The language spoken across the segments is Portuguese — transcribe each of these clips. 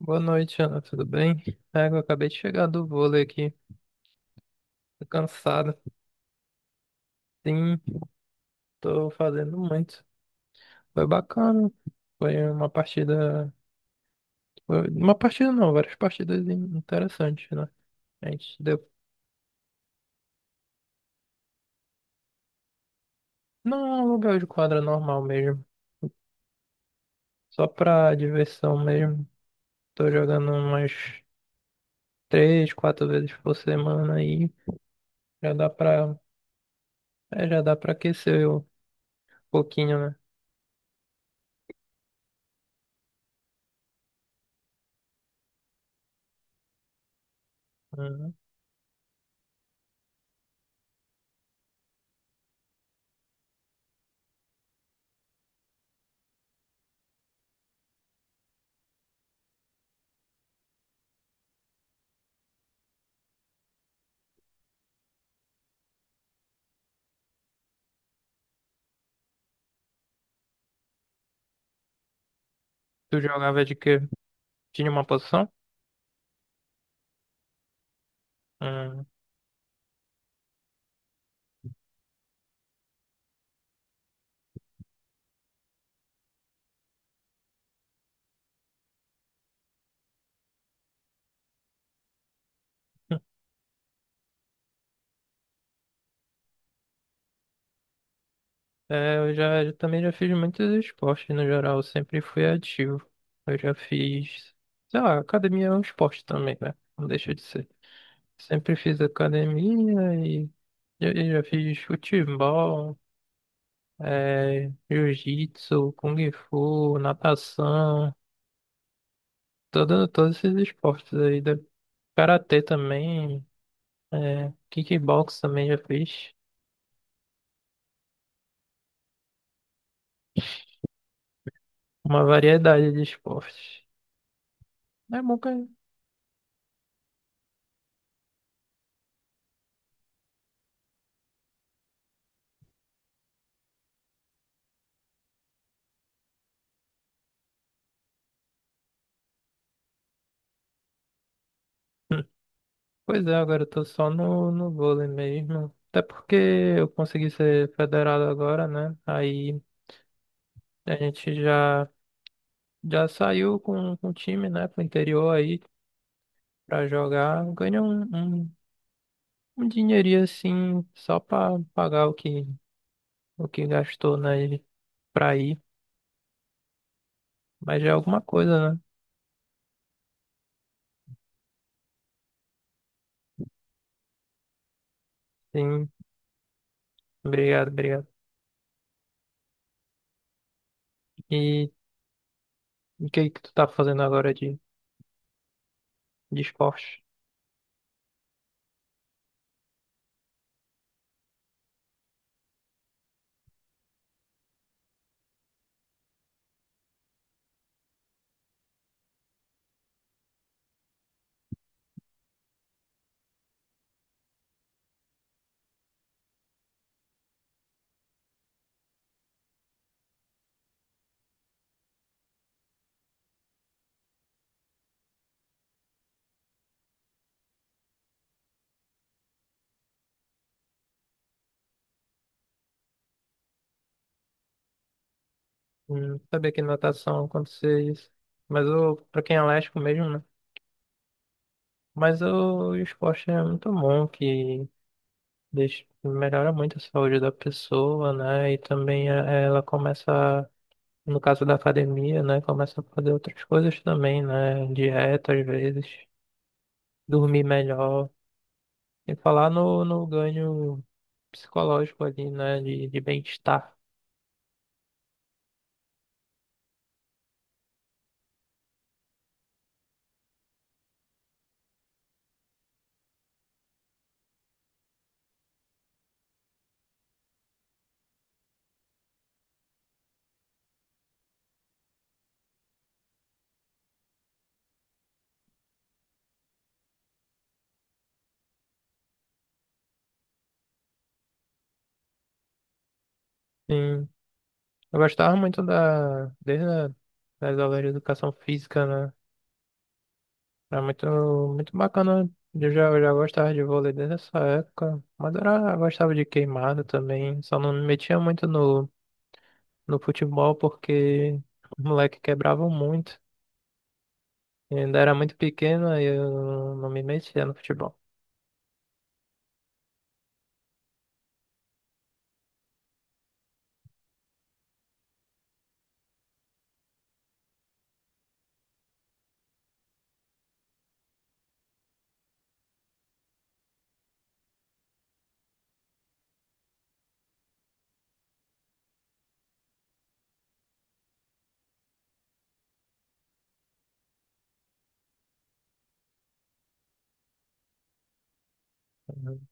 Boa noite, Ana. Tudo bem? É, eu acabei de chegar do vôlei aqui. Tô cansado. Sim, tô fazendo muito. Foi bacana. Foi uma partida. Uma partida não, várias partidas interessantes, né? A gente deu. Não, é um lugar de quadra normal mesmo. Só pra diversão mesmo. Tô jogando umas três, quatro vezes por semana aí. Já dá pra. É, já dá pra aquecer um pouquinho, né? Uhum. Tu jogava de quê? Tinha uma posição? Uhum. É, eu também já fiz muitos esportes no geral, eu sempre fui ativo. Eu já fiz, sei lá, academia é um esporte também, né? Não deixa de ser. Sempre fiz academia e já fiz futebol, é, jiu-jitsu, kung fu, natação, todos esses esportes aí. Karatê também, é, kickbox também já fiz. Uma variedade de esportes. É bom, cara. Pois é, agora eu tô só no vôlei mesmo. Até porque eu consegui ser federado agora, né? Aí a gente já, já saiu com o time, né, pro interior aí pra jogar. Ganhou um, um dinheirinho assim, só pra pagar o que gastou, né, pra ir. Mas já é alguma coisa, né? Sim, obrigado, obrigado. E o que que tu tá fazendo agora de esporte? Sabia que natação acontecia isso. Mas eu, pra quem é alérgico mesmo, né? Mas o esporte é muito bom, que deixa, melhora muito a saúde da pessoa, né? E também ela começa, no caso da academia, né? Começa a fazer outras coisas também, né? Dieta, às vezes, dormir melhor. E falar no ganho psicológico ali, né? De bem-estar. Sim. Eu gostava muito desde das aulas de educação física, né? Era muito bacana. Eu já gostava de vôlei desde essa época. Mas era, eu gostava de queimada também. Só não me metia muito no futebol porque os moleques quebravam muito. E ainda era muito pequeno e eu não me metia no futebol. Uhum.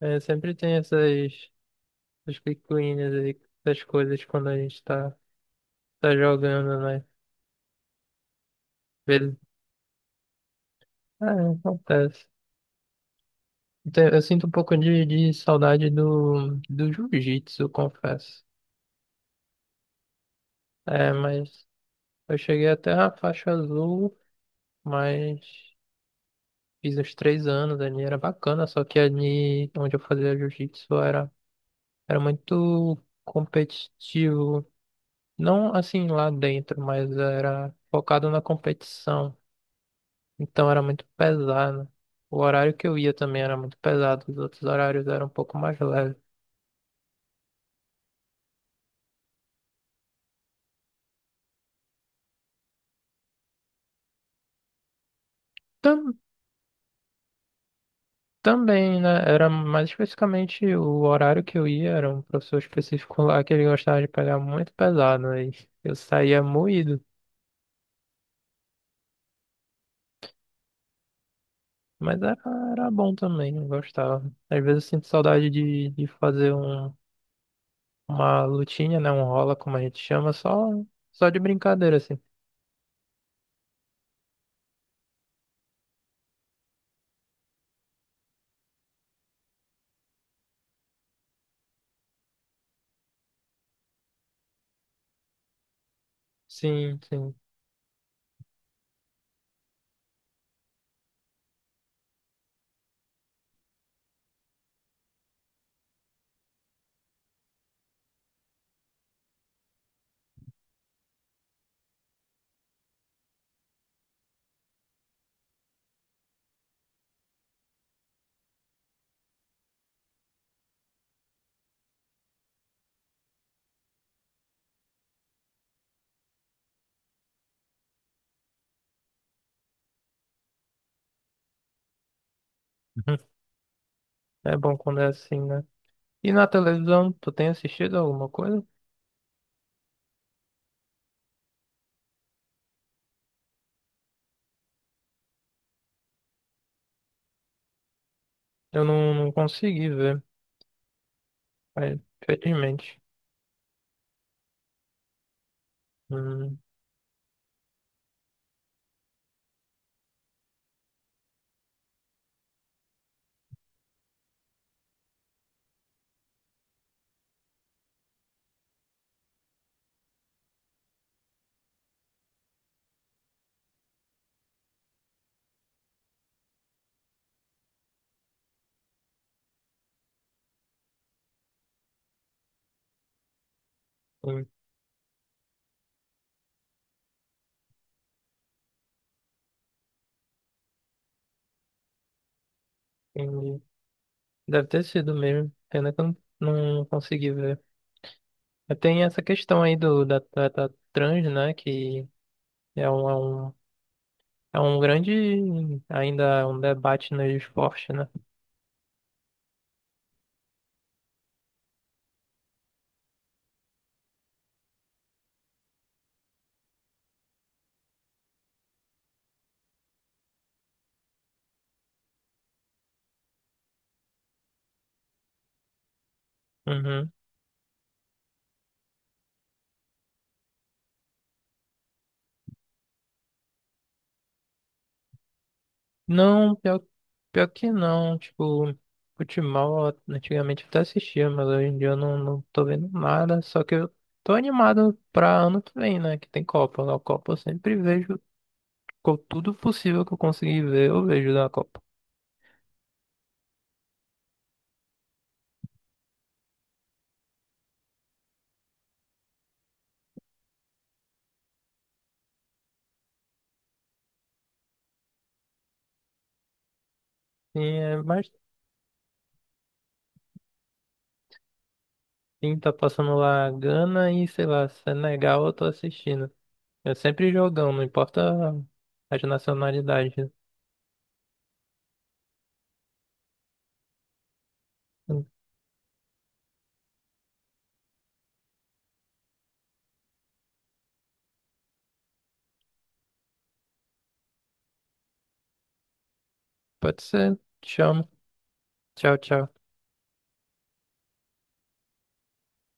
É, sempre tem essas picuinhas aí, essas coisas quando a gente tá jogando, né? Beleza. É, acontece. Então, eu sinto um pouco de saudade do jiu-jitsu, eu confesso. É, mas eu cheguei até a faixa azul, mas fiz uns três anos ali, era bacana, só que ali onde eu fazia jiu-jitsu era muito competitivo. Não assim lá dentro, mas era focado na competição. Então era muito pesado. O horário que eu ia também era muito pesado, os outros horários eram um pouco mais leves. Também, né? Era mais especificamente o horário que eu ia, era um professor específico lá que ele gostava de pegar muito pesado, aí eu saía moído. Mas era bom também, eu gostava. Às vezes eu sinto saudade de fazer uma lutinha, né? Um rola, como a gente chama, só de brincadeira, assim. Sim, sim. É bom quando é assim, né? E na televisão, tu tem assistido alguma coisa? Eu não consegui ver, mas, infelizmente. Hum, entendi. Deve ter sido mesmo. Pena que eu não, não consegui ver. Mas tem essa questão aí da trata trans, né? Que é um, é um, é um grande, ainda é um debate no esporte, né? Uhum. Não, pior que não. Tipo, futebol eu antigamente eu até assistia, mas hoje em dia eu não tô vendo nada. Só que eu tô animado pra ano que vem, né? Que tem Copa. Na Copa eu sempre vejo tudo possível que eu conseguir ver, eu vejo na Copa. E é mais sim, tá passando lá Gana e sei lá, Senegal eu tô assistindo. É sempre jogão, não importa as nacionalidades. Pode ser. Te amo. Tchau, tchau.